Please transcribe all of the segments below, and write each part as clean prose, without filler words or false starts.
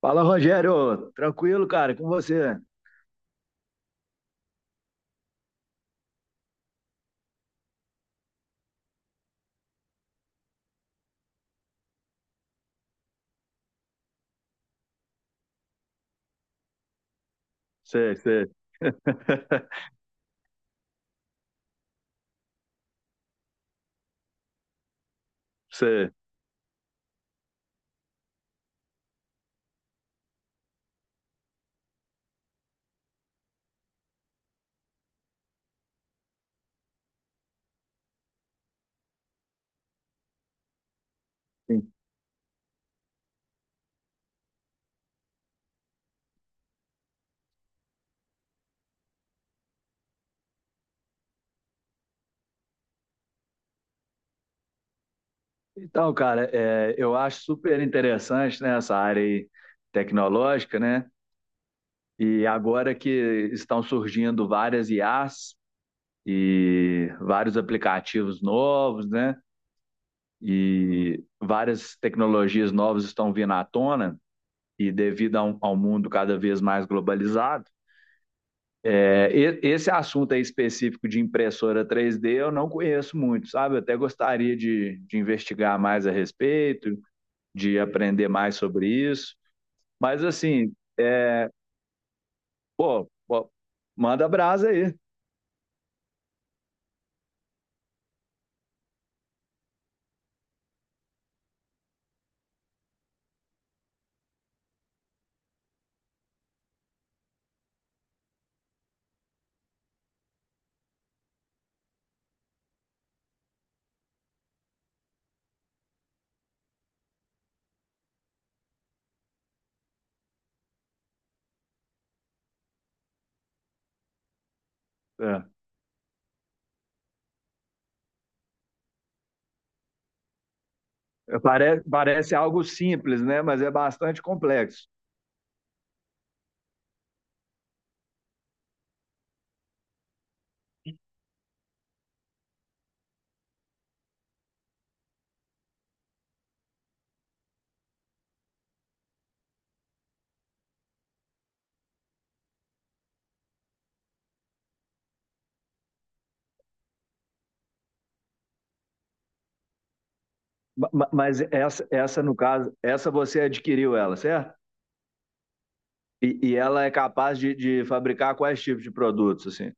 Fala, Rogério. Tranquilo, cara? Com você? Sei, sei, sei. Sim. Então, cara, eu acho super interessante, né, essa área aí tecnológica, né? E agora que estão surgindo várias IAs e vários aplicativos novos, né? E várias tecnologias novas estão vindo à tona e devido ao mundo cada vez mais globalizado. Esse assunto aí específico de impressora 3D eu não conheço muito, sabe? Eu até gostaria de investigar mais a respeito, de aprender mais sobre isso. Mas assim, é, pô, pô, manda brasa aí. É, parece algo simples, né? Mas é bastante complexo. Mas essa, no caso, essa você adquiriu ela, certo? E ela é capaz de fabricar quais tipos de produtos, assim?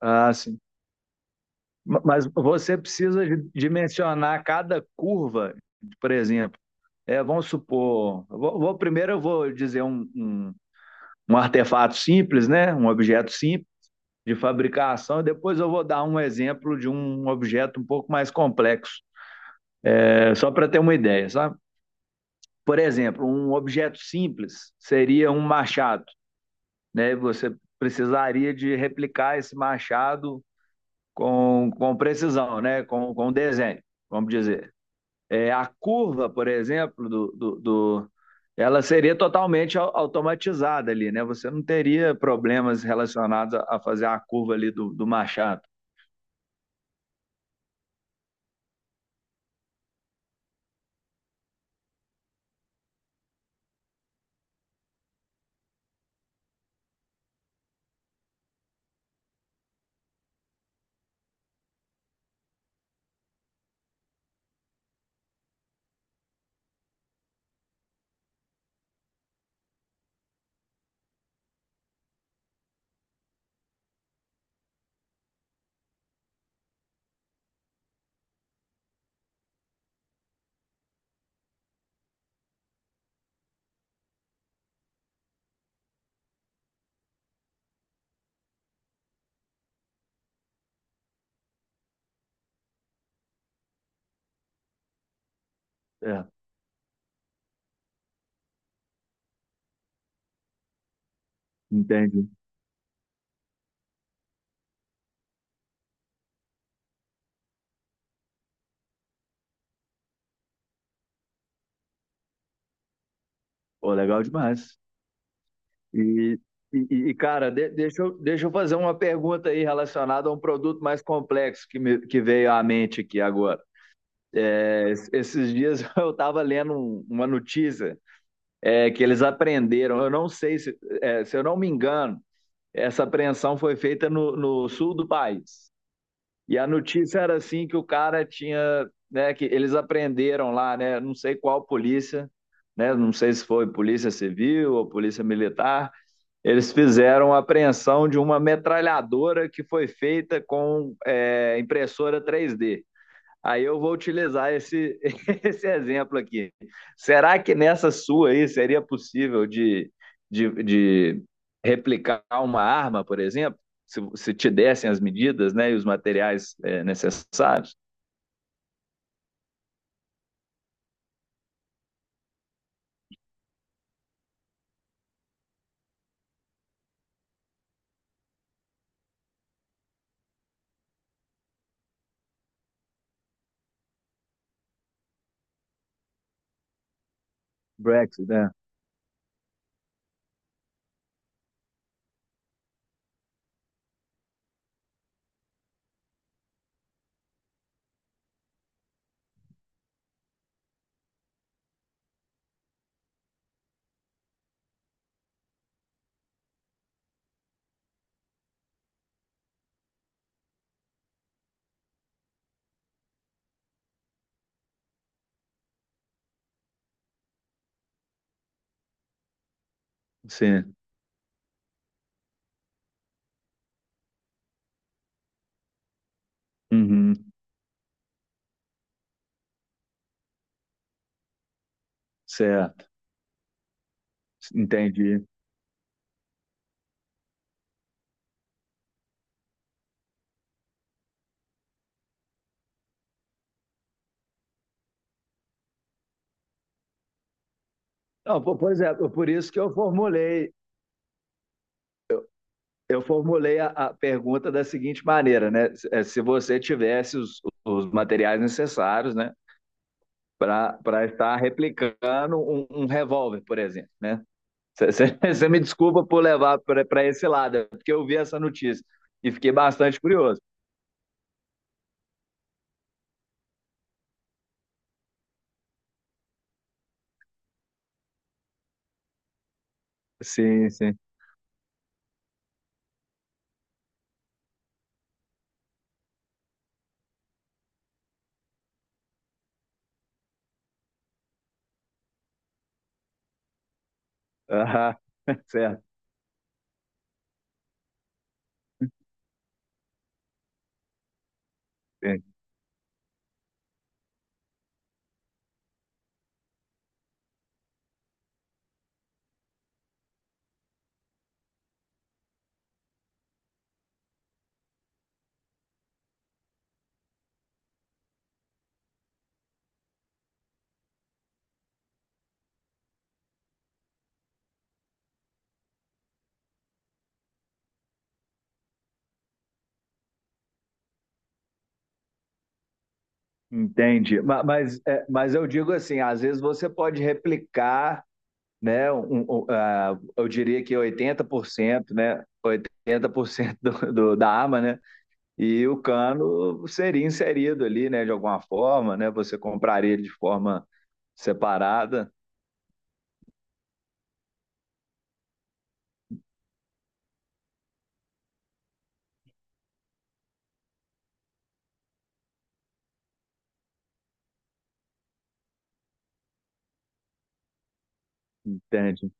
Ah, sim. Mas você precisa dimensionar cada curva, por exemplo. Vamos supor, primeiro eu vou dizer um artefato simples, né? Um objeto simples de fabricação, e depois eu vou dar um exemplo de um objeto um pouco mais complexo, só para ter uma ideia, sabe? Por exemplo, um objeto simples seria um machado, né? Você precisaria de replicar esse machado com precisão, né? Com desenho, vamos dizer. A curva, por exemplo, ela seria totalmente automatizada ali, né? Você não teria problemas relacionados a fazer a curva ali do, do Machado. É, entendi. Pô, legal demais. E, e, e, cara, deixa eu fazer uma pergunta aí relacionada a um produto mais complexo que veio à mente aqui agora. Esses dias eu estava lendo uma notícia, que eles aprenderam, eu não sei se eu não me engano. Essa apreensão foi feita no sul do país. E a notícia era assim que o cara tinha, né, que eles apreenderam lá, né, não sei qual polícia, né, não sei se foi polícia civil ou polícia militar, eles fizeram a apreensão de uma metralhadora que foi feita com impressora 3D. Aí eu vou utilizar esse, esse exemplo aqui. Será que nessa sua aí seria possível de, de replicar uma arma, por exemplo? Se te dessem as medidas, né, e os materiais necessários? Brexit, né? Sim. Uhum. Certo. Entendi. Não, pois é, por isso que eu formulei a pergunta da seguinte maneira, né? Se você tivesse os materiais necessários, né? para estar replicando um revólver, por exemplo, né? Você me desculpa por levar para esse lado, é porque eu vi essa notícia e fiquei bastante curioso. Sim, sim. Aham, certo. Sim. Entendi. Mas eu digo assim, às vezes você pode replicar, né? Ah, eu diria que 80%, né? 80% da arma, né? E o cano seria inserido ali, né? De alguma forma, né? Você compraria ele de forma separada, entende?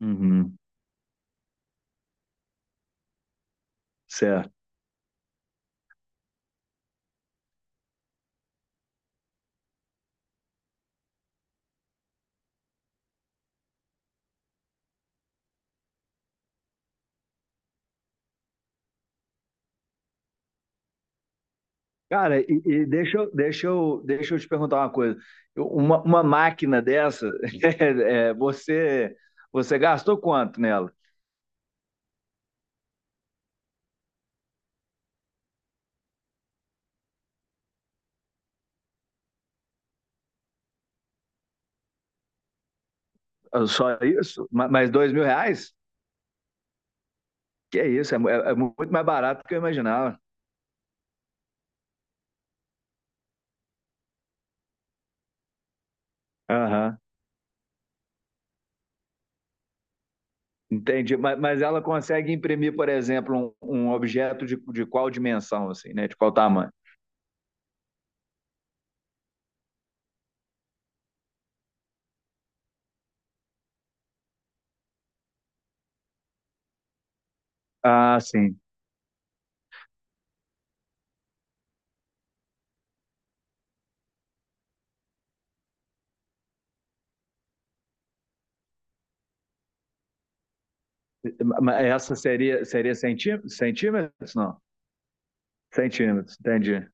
Uhum, certo. Cara, e deixa eu te perguntar uma coisa. Uma máquina dessa, é, é, você, você gastou quanto nela? Ah, só isso? Mais R$ 2.000? Que é isso? É muito mais barato do que eu imaginava. Aham. Entendi. Mas ela consegue imprimir, por exemplo, um objeto de qual dimensão, assim, né? De qual tamanho? Ah, sim. Essa seria centímetros, não? Centímetros, entendi.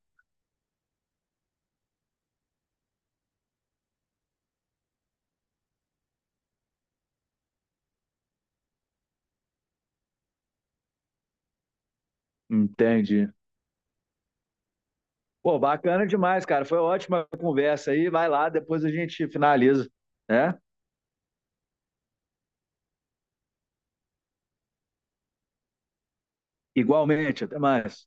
Entendi. Pô, bacana demais, cara. Foi ótima a conversa aí. Vai lá, depois a gente finaliza, né? Igualmente, até mais.